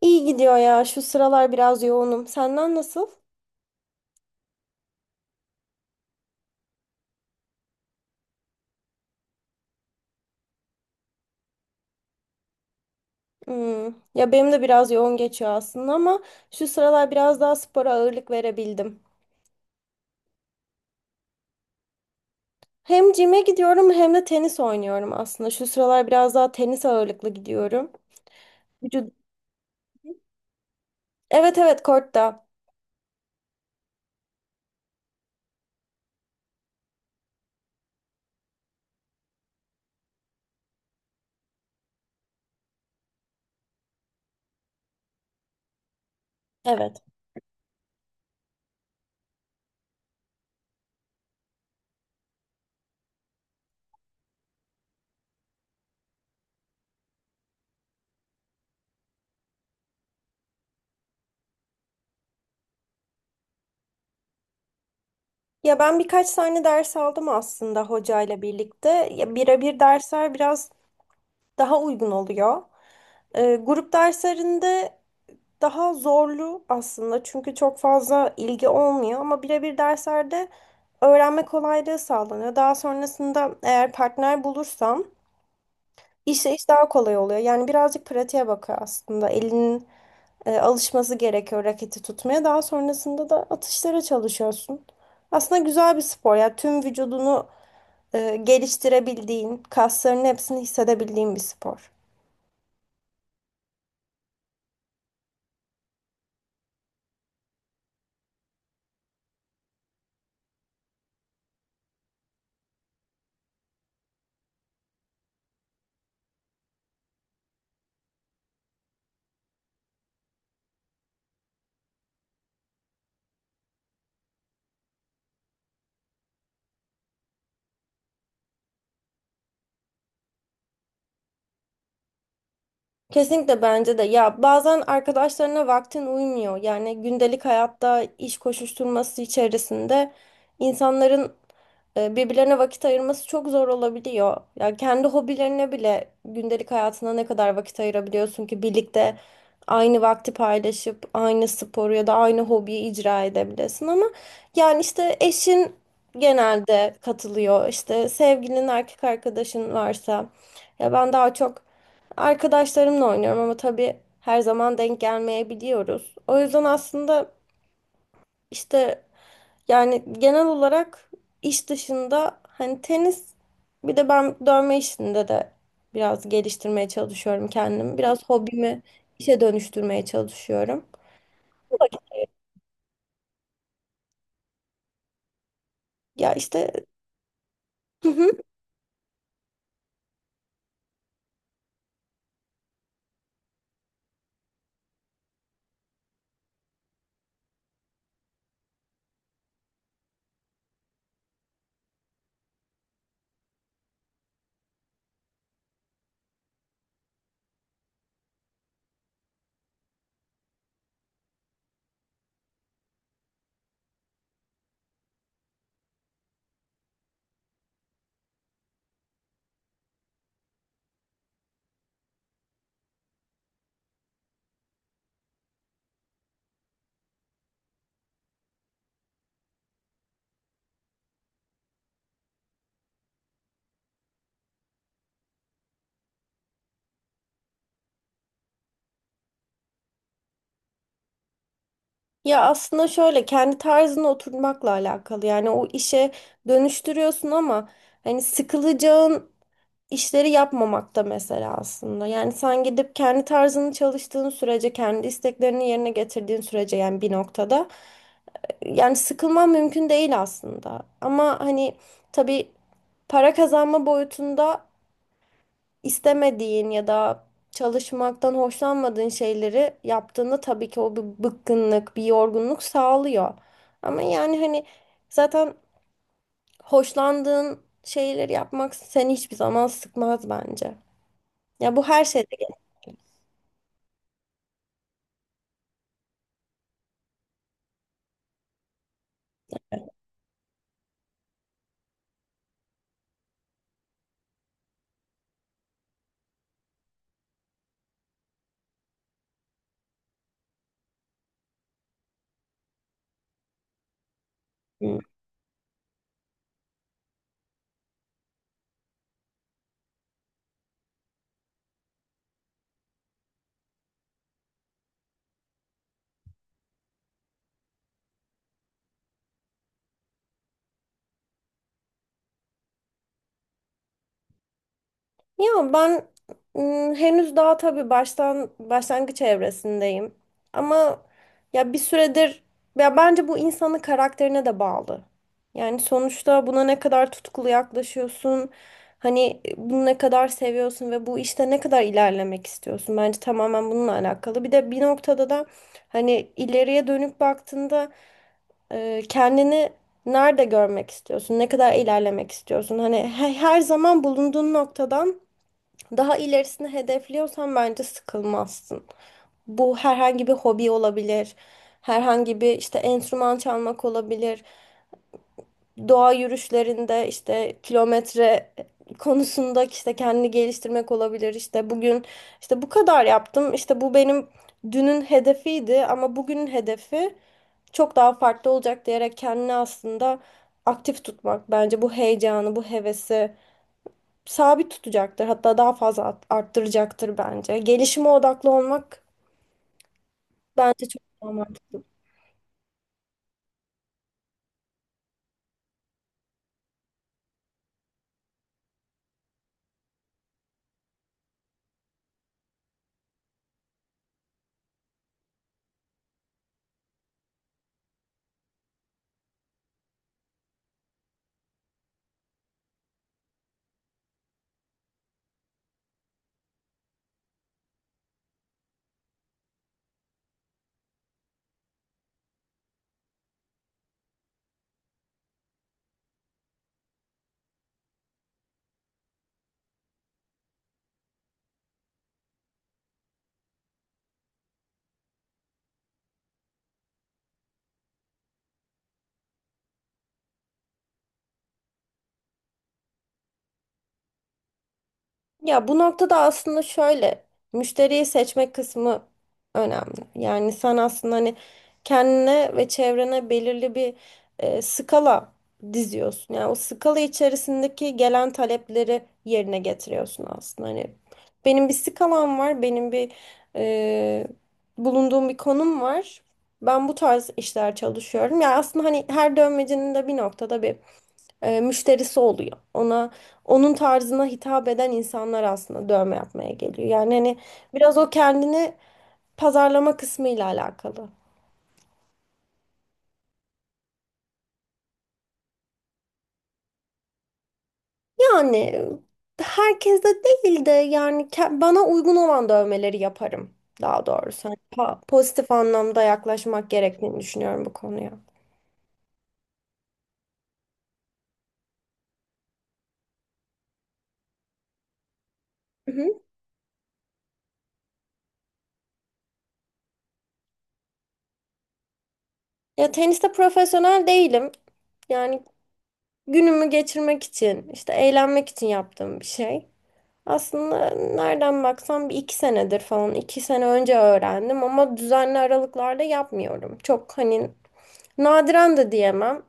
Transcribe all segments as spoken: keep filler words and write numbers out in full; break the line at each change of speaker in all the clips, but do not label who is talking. İyi gidiyor ya. Şu sıralar biraz yoğunum. Senden nasıl? Hmm. Ya benim de biraz yoğun geçiyor aslında ama şu sıralar biraz daha spora ağırlık verebildim. Hem cime gidiyorum hem de tenis oynuyorum aslında. Şu sıralar biraz daha tenis ağırlıklı gidiyorum. Vücut. Evet evet, kortta. Evet. Ya ben birkaç tane ders aldım aslında hocayla birlikte. Ya birebir dersler biraz daha uygun oluyor. Ee, grup derslerinde daha zorlu aslında çünkü çok fazla ilgi olmuyor ama birebir derslerde öğrenme kolaylığı sağlanıyor. Daha sonrasında eğer partner bulursam işte iş daha kolay oluyor. Yani birazcık pratiğe bakıyor aslında. Elinin e, alışması gerekiyor raketi tutmaya. Daha sonrasında da atışlara çalışıyorsun. Aslında güzel bir spor ya. Tüm vücudunu e, geliştirebildiğin, kaslarının hepsini hissedebildiğin bir spor. Kesinlikle bence de. Ya bazen arkadaşlarına vaktin uymuyor. Yani gündelik hayatta iş koşuşturması içerisinde insanların e, birbirlerine vakit ayırması çok zor olabiliyor. Ya kendi hobilerine bile gündelik hayatına ne kadar vakit ayırabiliyorsun ki birlikte aynı vakti paylaşıp aynı sporu ya da aynı hobiyi icra edebilesin ama yani işte eşin genelde katılıyor. İşte sevgilinin erkek arkadaşın varsa ya ben daha çok arkadaşlarımla oynuyorum ama tabii her zaman denk gelmeyebiliyoruz. O yüzden aslında işte yani genel olarak iş dışında hani tenis, bir de ben dövme işinde de biraz geliştirmeye çalışıyorum kendimi. Biraz hobimi işe dönüştürmeye çalışıyorum. Ya işte hı hı. Ya aslında şöyle, kendi tarzına oturmakla alakalı. Yani o işe dönüştürüyorsun ama hani sıkılacağın işleri yapmamakta mesela aslında. Yani sen gidip kendi tarzını çalıştığın sürece, kendi isteklerini yerine getirdiğin sürece yani bir noktada yani sıkılman mümkün değil aslında. Ama hani tabii para kazanma boyutunda istemediğin ya da çalışmaktan hoşlanmadığın şeyleri yaptığında tabii ki o bir bıkkınlık, bir yorgunluk sağlıyor. Ama yani hani zaten hoşlandığın şeyleri yapmak seni hiçbir zaman sıkmaz bence. Ya bu her şeyde hı. Ya ben ım, henüz daha tabii baştan başlangıç evresindeyim. Ama ya bir süredir, ya bence bu insanın karakterine de bağlı. Yani sonuçta buna ne kadar tutkulu yaklaşıyorsun, hani bunu ne kadar seviyorsun ve bu işte ne kadar ilerlemek istiyorsun. Bence tamamen bununla alakalı. Bir de bir noktada da hani ileriye dönüp baktığında e, kendini nerede görmek istiyorsun? Ne kadar ilerlemek istiyorsun? Hani he- her zaman bulunduğun noktadan daha ilerisini hedefliyorsan bence sıkılmazsın. Bu herhangi bir hobi olabilir. Herhangi bir işte enstrüman çalmak olabilir. Doğa yürüyüşlerinde işte kilometre konusunda işte kendini geliştirmek olabilir. İşte bugün işte bu kadar yaptım. İşte bu benim dünün hedefiydi ama bugünün hedefi çok daha farklı olacak diyerek kendini aslında aktif tutmak bence bu heyecanı, bu hevesi sabit tutacaktır. Hatta daha fazla art- arttıracaktır bence. Gelişime odaklı olmak bence çok daha mantıklı. Ya bu noktada aslında şöyle müşteriyi seçmek kısmı önemli. Yani sen aslında hani kendine ve çevrene belirli bir e, skala diziyorsun. Yani o skala içerisindeki gelen talepleri yerine getiriyorsun aslında. Hani benim bir skalam var, benim bir e, bulunduğum bir konum var. Ben bu tarz işler çalışıyorum. Ya aslında hani her dövmecinin de bir noktada bir e, müşterisi oluyor. Ona onun tarzına hitap eden insanlar aslında dövme yapmaya geliyor. Yani hani biraz o kendini pazarlama kısmıyla alakalı. Yani e, herkes de değil de yani ke- bana uygun olan dövmeleri yaparım daha doğrusu. Hani pa- pozitif anlamda yaklaşmak gerektiğini düşünüyorum bu konuya. Hı hı. Ya teniste profesyonel değilim. Yani günümü geçirmek için, işte eğlenmek için yaptığım bir şey. Aslında nereden baksam bir iki senedir falan, iki sene önce öğrendim ama düzenli aralıklarla yapmıyorum. Çok hani nadiren de diyemem.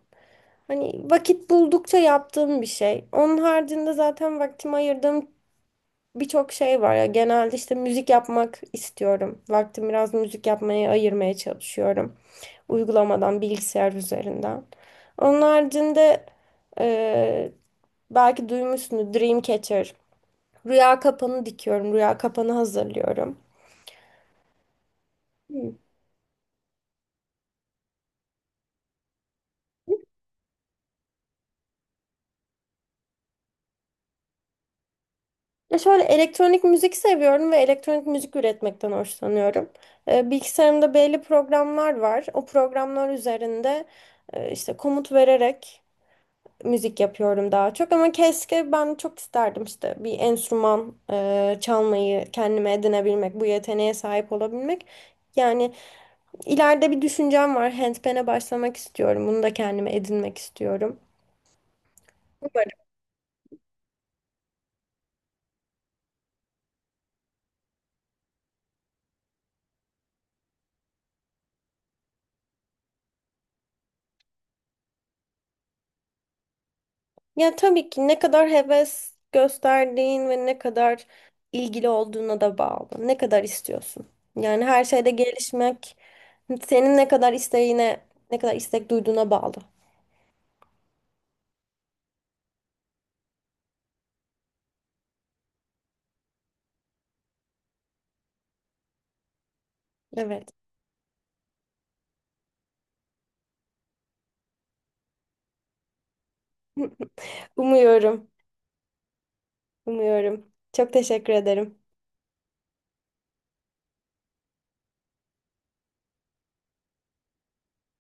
Hani vakit buldukça yaptığım bir şey. Onun haricinde zaten vaktimi ayırdığım birçok şey var ya. Genelde işte müzik yapmak istiyorum. Vaktimi biraz müzik yapmaya ayırmaya çalışıyorum. Uygulamadan, bilgisayar üzerinden. Onun haricinde eee belki duymuşsunuz Dreamcatcher. Rüya kapanı dikiyorum. Rüya kapanı hazırlıyorum. Hmm. Ya şöyle, elektronik müzik seviyorum ve elektronik müzik üretmekten hoşlanıyorum. Ee, bilgisayarımda belli programlar var. O programlar üzerinde e, işte komut vererek müzik yapıyorum daha çok. Ama keşke, ben çok isterdim işte bir enstrüman e, çalmayı kendime edinebilmek, bu yeteneğe sahip olabilmek. Yani ileride bir düşüncem var. Handpan'e başlamak istiyorum. Bunu da kendime edinmek istiyorum. Ya tabii ki ne kadar heves gösterdiğin ve ne kadar ilgili olduğuna da bağlı. Ne kadar istiyorsun. Yani her şeyde gelişmek senin ne kadar isteğine, ne kadar istek duyduğuna bağlı. Evet. Umuyorum, umuyorum. Çok teşekkür ederim.